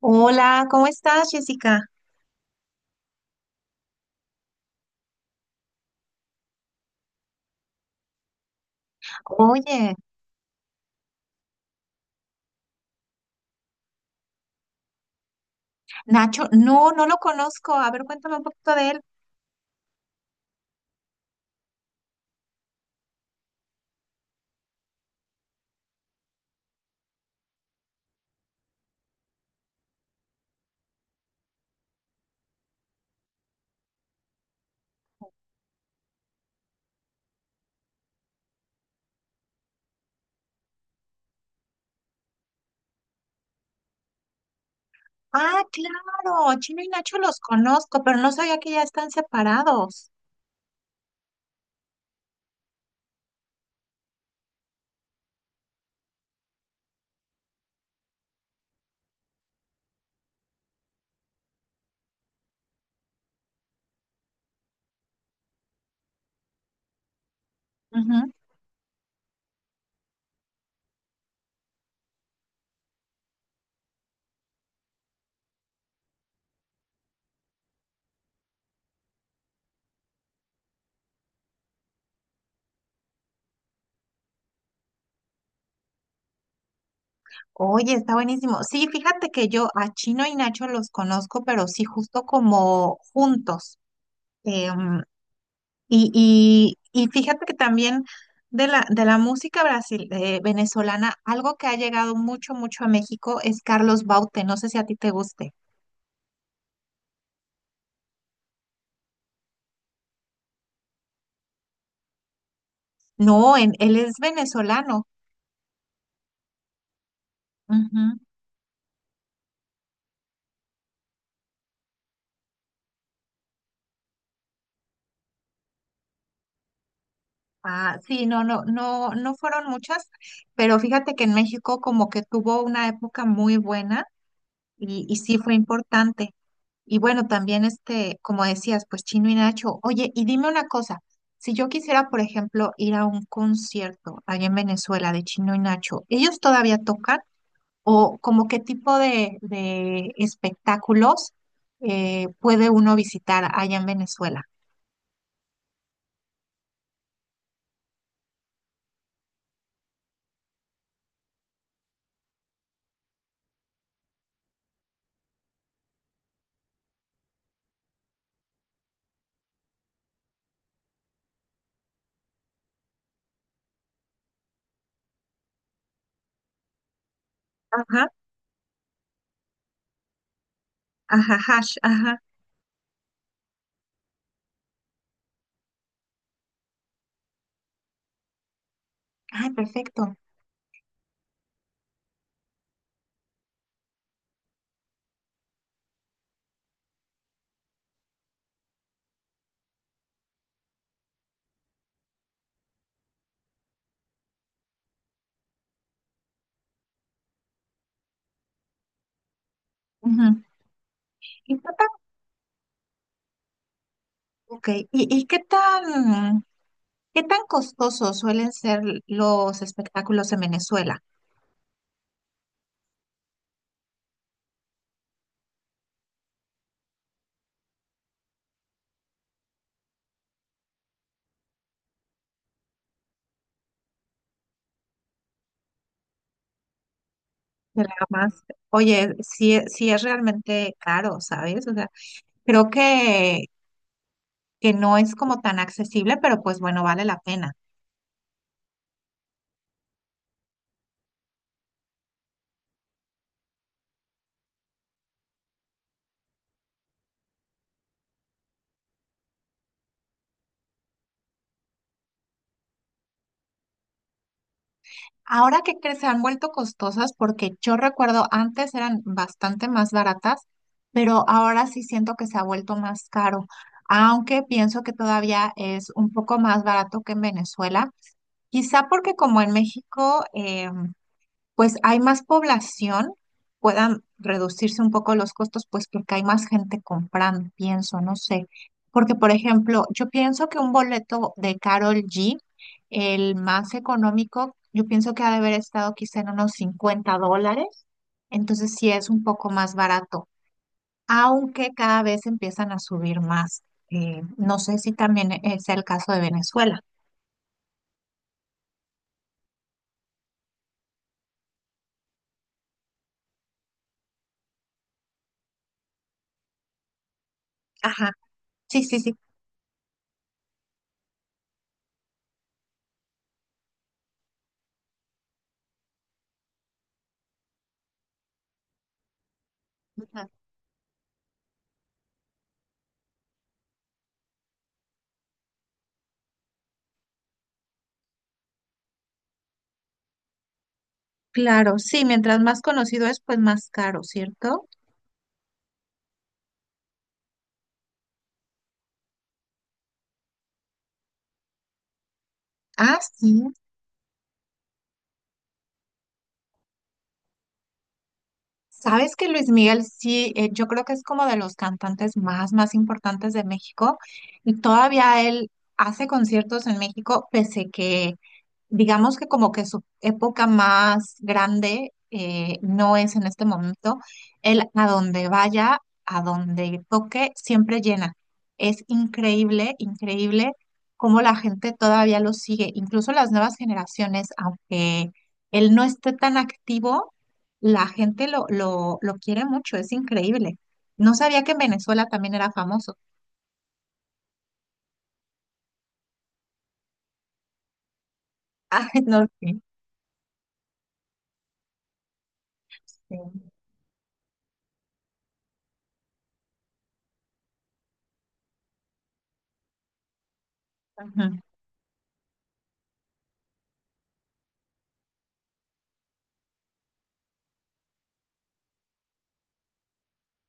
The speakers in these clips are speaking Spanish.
Hola, ¿cómo estás, Jessica? Oye, Nacho, no, no lo conozco. A ver, cuéntame un poquito de él. Ah, claro, Chino y Nacho los conozco, pero no sabía que ya están separados. Ujú. Oye, está buenísimo. Sí, fíjate que yo a Chino y Nacho los conozco, pero sí justo como juntos. Em, y, y fíjate que también de la música brasil, venezolana, algo que ha llegado mucho, mucho a México es Carlos Baute. No sé si a ti te guste. No, él es venezolano. Ujú. Ah, sí, no, no, no, no fueron muchas, pero fíjate que en México como que tuvo una época muy buena y sí fue importante. Y bueno, también este, como decías, pues Chino y Nacho. Oye, y dime una cosa, si yo quisiera, por ejemplo, ir a un concierto allá en Venezuela de Chino y Nacho, ¿ellos todavía tocan? O como qué tipo de espectáculos puede uno visitar allá en Venezuela. Ajá, ajá, hash, ajá. Ay, perfecto. Ujú. ¿Y qué tan, okay. ¿Y qué tan costosos suelen ser los espectáculos en Venezuela? De la más. Oye, sí, sí es realmente caro, ¿sabes? O sea, creo que no es como tan accesible, pero pues bueno, vale la pena. Ahora que se han vuelto costosas, porque yo recuerdo antes eran bastante más baratas, pero ahora sí siento que se ha vuelto más caro. Aunque pienso que todavía es un poco más barato que en Venezuela, quizá porque como en México pues hay más población, puedan reducirse un poco los costos, pues porque hay más gente comprando, pienso, no sé. Porque, por ejemplo, yo pienso que un boleto de Carol G, el más económico, yo pienso que ha de haber estado quizá en unos $50, entonces sí es un poco más barato, aunque cada vez empiezan a subir más. No sé si también sea el caso de Venezuela. Ajá, sí, sí, sí. Claro, sí, mientras más conocido es, pues más caro, ¿cierto? Ah, sí. Sabes que Luis Miguel, sí, yo creo que es como de los cantantes más, más importantes de México y todavía él hace conciertos en México, pese que digamos que como que su época más grande no es en este momento. Él a donde vaya, a donde toque, siempre llena. Es increíble, increíble cómo la gente todavía lo sigue. Incluso las nuevas generaciones, aunque él no esté tan activo, la gente lo quiere mucho. Es increíble. No sabía que en Venezuela también era famoso. Ay, no, sí, sí. Ujú.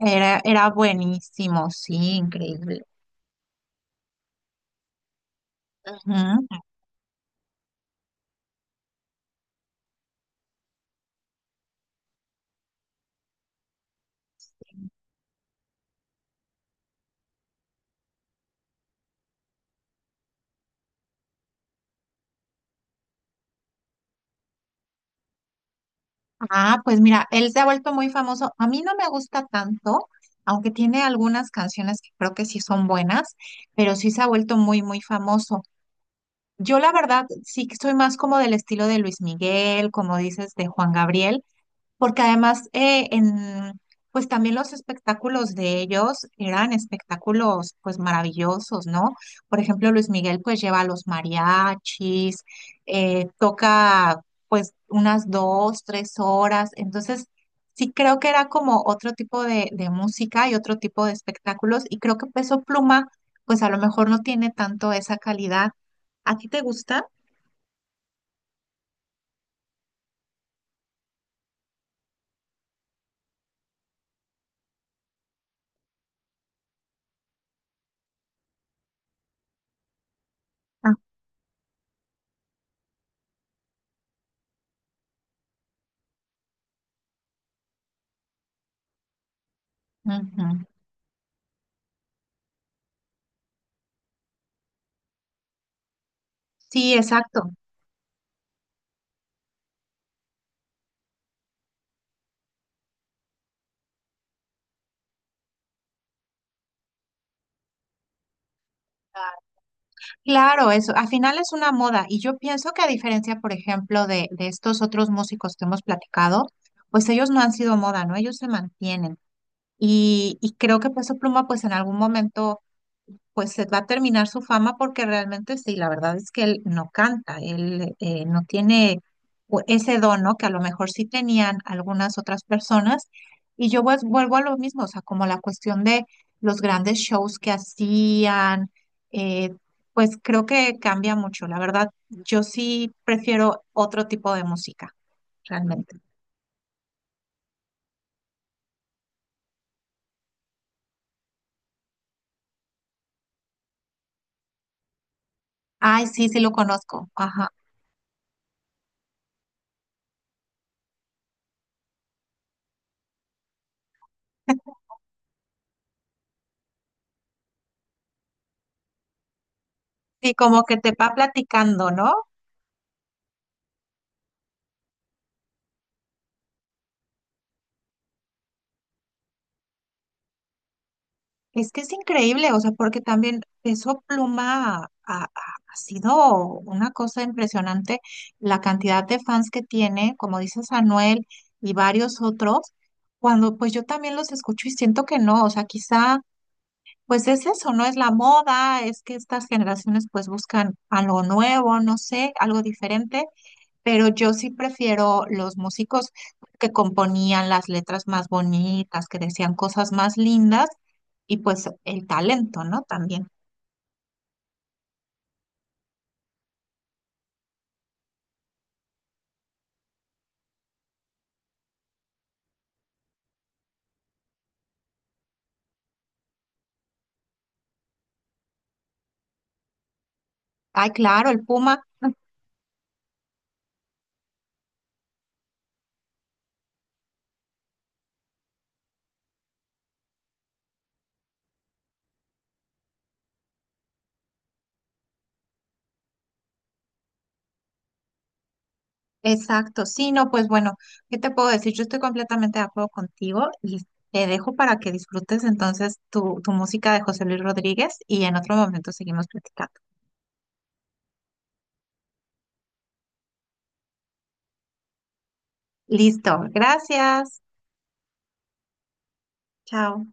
Era, era buenísimo, sí, increíble. Ujú. Ah, pues mira, él se ha vuelto muy famoso. A mí no me gusta tanto, aunque tiene algunas canciones que creo que sí son buenas, pero sí se ha vuelto muy, muy famoso. Yo la verdad sí que soy más como del estilo de Luis Miguel, como dices, de Juan Gabriel. Porque además, pues también los espectáculos de ellos eran espectáculos pues maravillosos, ¿no? Por ejemplo, Luis Miguel pues lleva a los mariachis, toca pues unas 2, 3 horas, entonces sí creo que era como otro tipo de música y otro tipo de espectáculos y creo que Peso Pluma pues a lo mejor no tiene tanto esa calidad. ¿A ti te gusta? Ah. Ujú. Sí, exacto. Claro, eso, al final es una moda y yo pienso que a diferencia, por ejemplo, de estos otros músicos que hemos platicado, pues ellos no han sido moda, ¿no? Ellos se mantienen y creo que Peso Pluma pues en algún momento pues se va a terminar su fama porque realmente sí, la verdad es que él no canta, él no tiene ese don, ¿no? Que a lo mejor sí tenían algunas otras personas. Y yo pues, vuelvo a lo mismo, o sea, como la cuestión de los grandes shows que hacían, eh, pues creo que cambia mucho. La verdad, yo sí prefiero otro tipo de música, realmente. Ay, sí, sí lo conozco. Ajá. Sí, como que te va platicando, ¿no? Es que es increíble, o sea, porque también Peso Pluma ha sido una cosa impresionante la cantidad de fans que tiene, como dices, Anuel y varios otros, cuando pues yo también los escucho y siento que no, o sea, quizá pues es eso, no es la moda, es que estas generaciones pues buscan algo nuevo, no sé, algo diferente, pero yo sí prefiero los músicos que componían las letras más bonitas, que decían cosas más lindas y pues el talento, ¿no? También. Ay, claro, el Puma, exacto. Sí, no, pues bueno, ¿qué te puedo decir? Yo estoy completamente de acuerdo contigo y te dejo para que disfrutes entonces tu música de José Luis Rodríguez y en otro momento seguimos platicando. Listo, gracias. Chao.